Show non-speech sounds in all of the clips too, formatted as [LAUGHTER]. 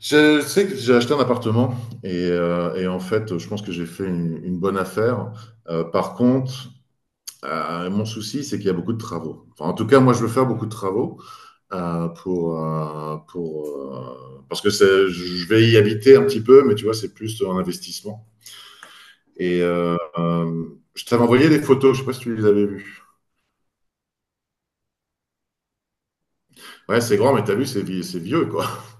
Je sais que j'ai acheté un appartement et en fait, je pense que j'ai fait une bonne affaire. Par contre, mon souci, c'est qu'il y a beaucoup de travaux. Enfin, en tout cas, moi, je veux faire beaucoup de travaux, parce que c'est je vais y habiter un petit peu, mais tu vois, c'est plus un investissement je t'avais envoyé des photos, je sais pas si tu les avais vues. Ouais, c'est grand, mais t'as vu, c'est vieux, quoi. [LAUGHS]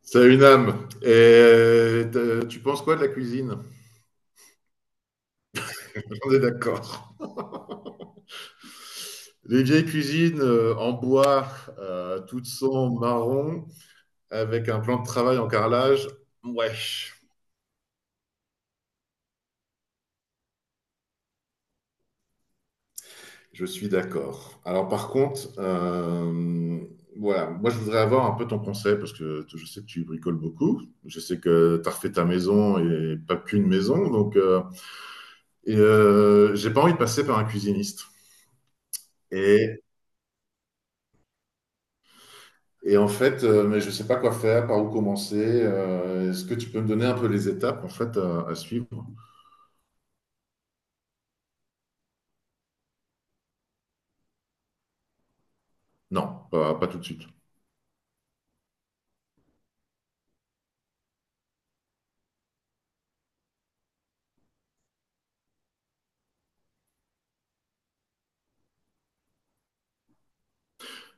Ça a une âme et tu penses quoi de la cuisine? On est d'accord. [LAUGHS] Les vieilles cuisines en bois, toutes sont marron, avec un plan de travail en carrelage. Ouais, je suis d'accord. Alors par contre, voilà, moi je voudrais avoir un peu ton conseil je sais que tu bricoles beaucoup. Je sais que tu as refait ta maison et pas qu'une maison. Donc, j'ai pas envie de passer par un cuisiniste. Et, et en fait, mais je sais pas quoi faire, par où commencer. Est-ce que tu peux me donner un peu les étapes en fait à suivre? Non, pas tout de suite.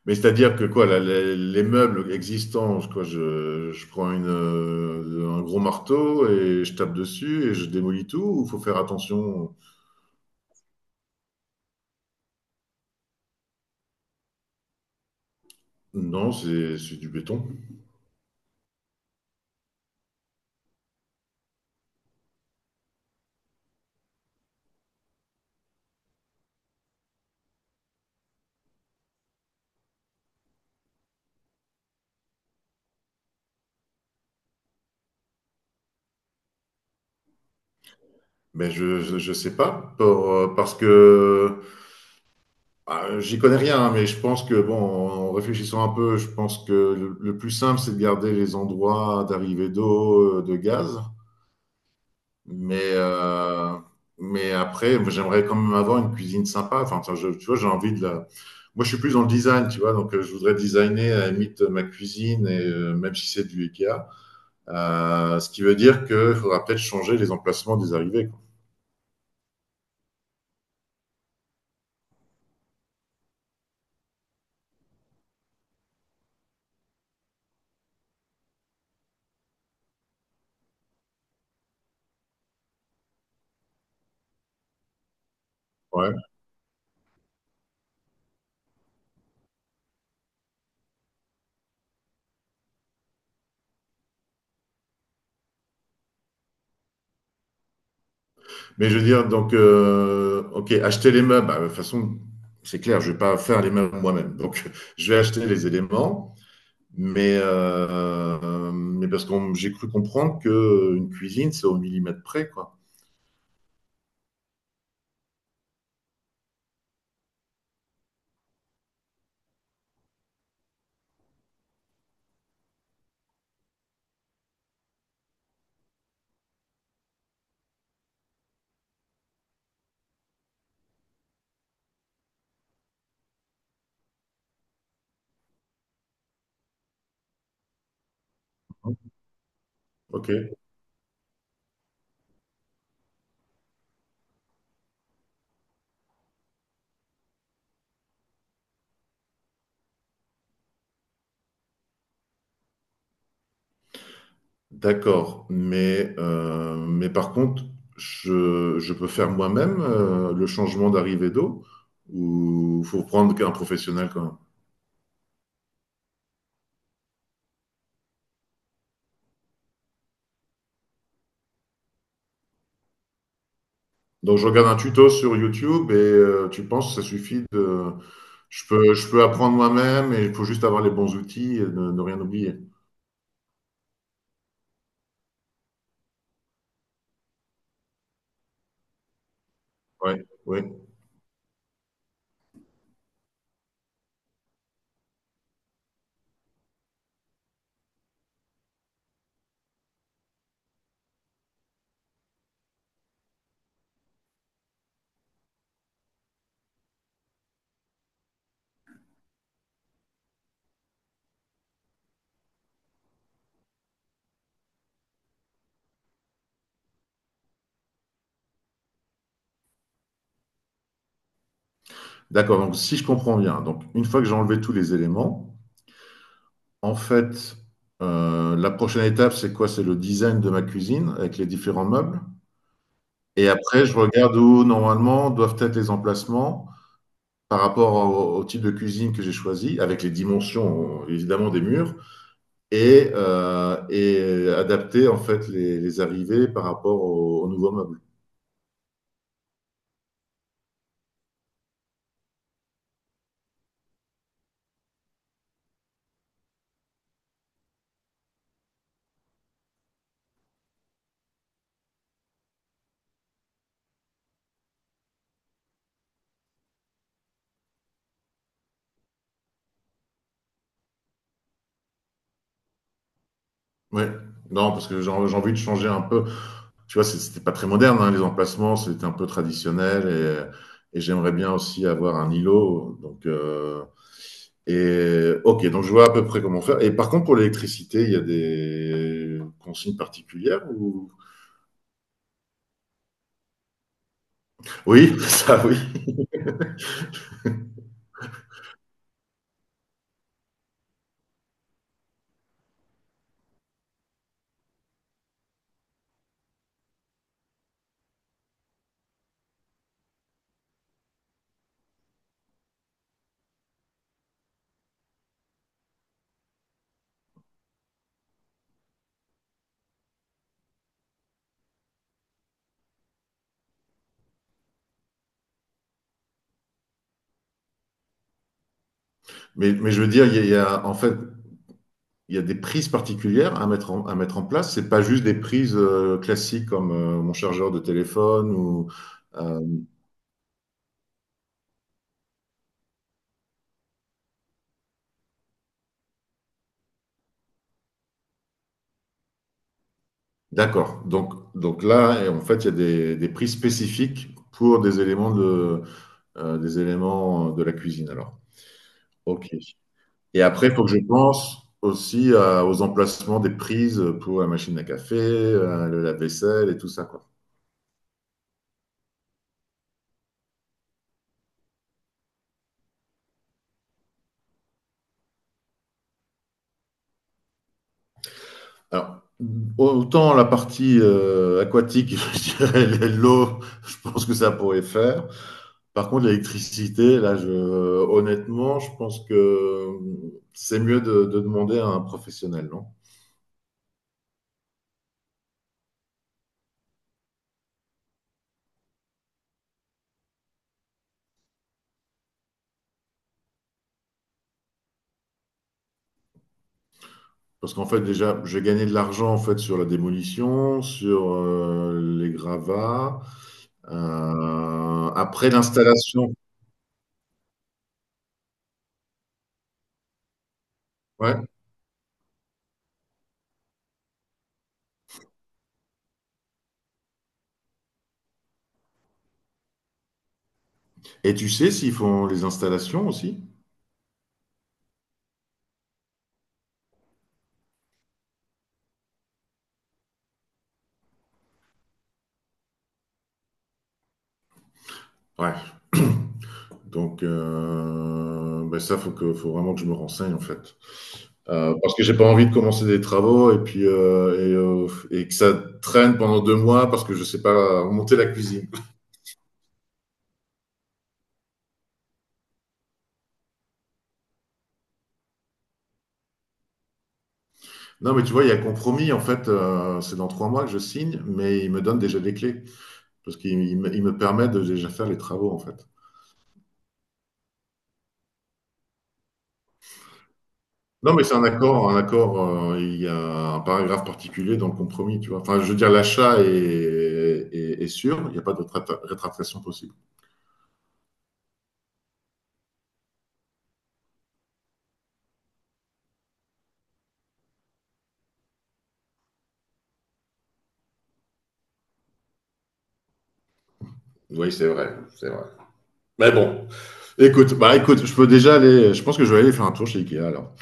Mais c'est-à-dire que quoi, les meubles existants, quoi, je prends un gros marteau et je tape dessus et je démolis tout, ou faut faire attention? Non, c'est du béton. Mais je sais pas, parce que ah, j'y connais rien, hein, mais je pense que, bon, en réfléchissant un peu, je pense que le plus simple, c'est de garder les endroits d'arrivée d'eau, de gaz. Mais mais après, j'aimerais quand même avoir une cuisine sympa. Enfin, ça, tu vois, j'ai envie de la. Moi, je suis plus dans le design, tu vois. Donc, je voudrais designer à la limite ma cuisine, et même si c'est du Ikea. Ce qui veut dire qu'il faudra peut-être changer les emplacements des arrivées. Quoi. Ouais. Mais je veux dire, donc, ok, acheter les meubles, bah, de toute façon, c'est clair, je vais pas faire les meubles moi-même. Donc, [LAUGHS] je vais acheter les éléments, mais mais parce que j'ai cru comprendre que une cuisine, c'est au millimètre près, quoi. Ok, d'accord. Mais mais par contre, je peux faire moi-même le changement d'arrivée d'eau ou faut prendre un professionnel quand même. Donc je regarde un tuto sur YouTube et tu penses que ça suffit de... je peux apprendre moi-même et il faut juste avoir les bons outils et ne rien oublier. Ouais, ouais. D'accord, donc si je comprends bien, donc une fois que j'ai enlevé tous les éléments, en fait, la prochaine étape, c'est quoi? C'est le design de ma cuisine avec les différents meubles. Et après, je regarde où normalement doivent être les emplacements par rapport au type de cuisine que j'ai choisi, avec les dimensions évidemment des murs, et et adapter en fait les arrivées par rapport aux au nouveaux meubles. Ouais. Non, parce que j'ai envie de changer un peu. Tu vois, c'était pas très moderne, hein, les emplacements, c'était un peu traditionnel et j'aimerais bien aussi avoir un îlot. Donc, et ok, donc je vois à peu près comment faire. Et par contre, pour l'électricité, il y a des consignes particulières ou... Oui, [LAUGHS] ça oui. Mais je veux dire, en fait, il y a des prises particulières à mettre en place. C'est pas juste des prises classiques comme mon chargeur de téléphone ou. euh, d'accord. Donc là, et en fait, il y a des prises spécifiques pour des éléments de la cuisine. Alors, ok. Et après, il faut que je pense aussi à- aux emplacements des prises pour la machine à café, le lave-vaisselle et tout ça, quoi. Alors, autant la partie aquatique, [LAUGHS] je dirais l'eau, je pense que ça pourrait faire. Par contre, l'électricité, là, je, honnêtement, je pense que c'est mieux de demander à un professionnel, non? Parce qu'en fait, déjà, j'ai gagné de l'argent en fait sur la démolition, sur les gravats. Après l'installation, ouais. Et tu sais s'ils font les installations aussi? Ouais. [COUGHS] [CLEARS THROAT] Donc, ben ça, faut vraiment que je me renseigne en fait, parce que j'ai pas envie de commencer des travaux et puis et que ça traîne pendant 2 mois parce que je sais pas monter la cuisine. Non, mais tu vois, il y a compromis en fait. C'est dans 3 mois que je signe, mais ils me donnent déjà des clés parce qu'ils il me ils me permettent de déjà faire les travaux en fait. Non, mais c'est un accord, il y a un paragraphe particulier dans le compromis, tu vois. Enfin, je veux dire, l'achat est sûr, il n'y a pas de rétractation possible. Oui, c'est vrai, c'est vrai. Mais bon, écoute, je peux déjà aller, je pense que je vais aller faire un tour chez Ikea alors.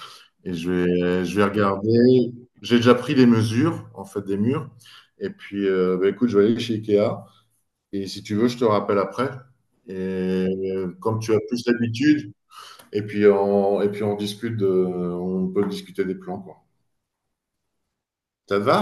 Et je vais regarder, j'ai déjà pris les mesures, en fait, des murs. Et puis, bah, écoute, je vais aller chez Ikea. Et si tu veux, je te rappelle après. Et comme tu as plus l'habitude, et puis et puis on discute on peut discuter des plans, quoi. Ça te va?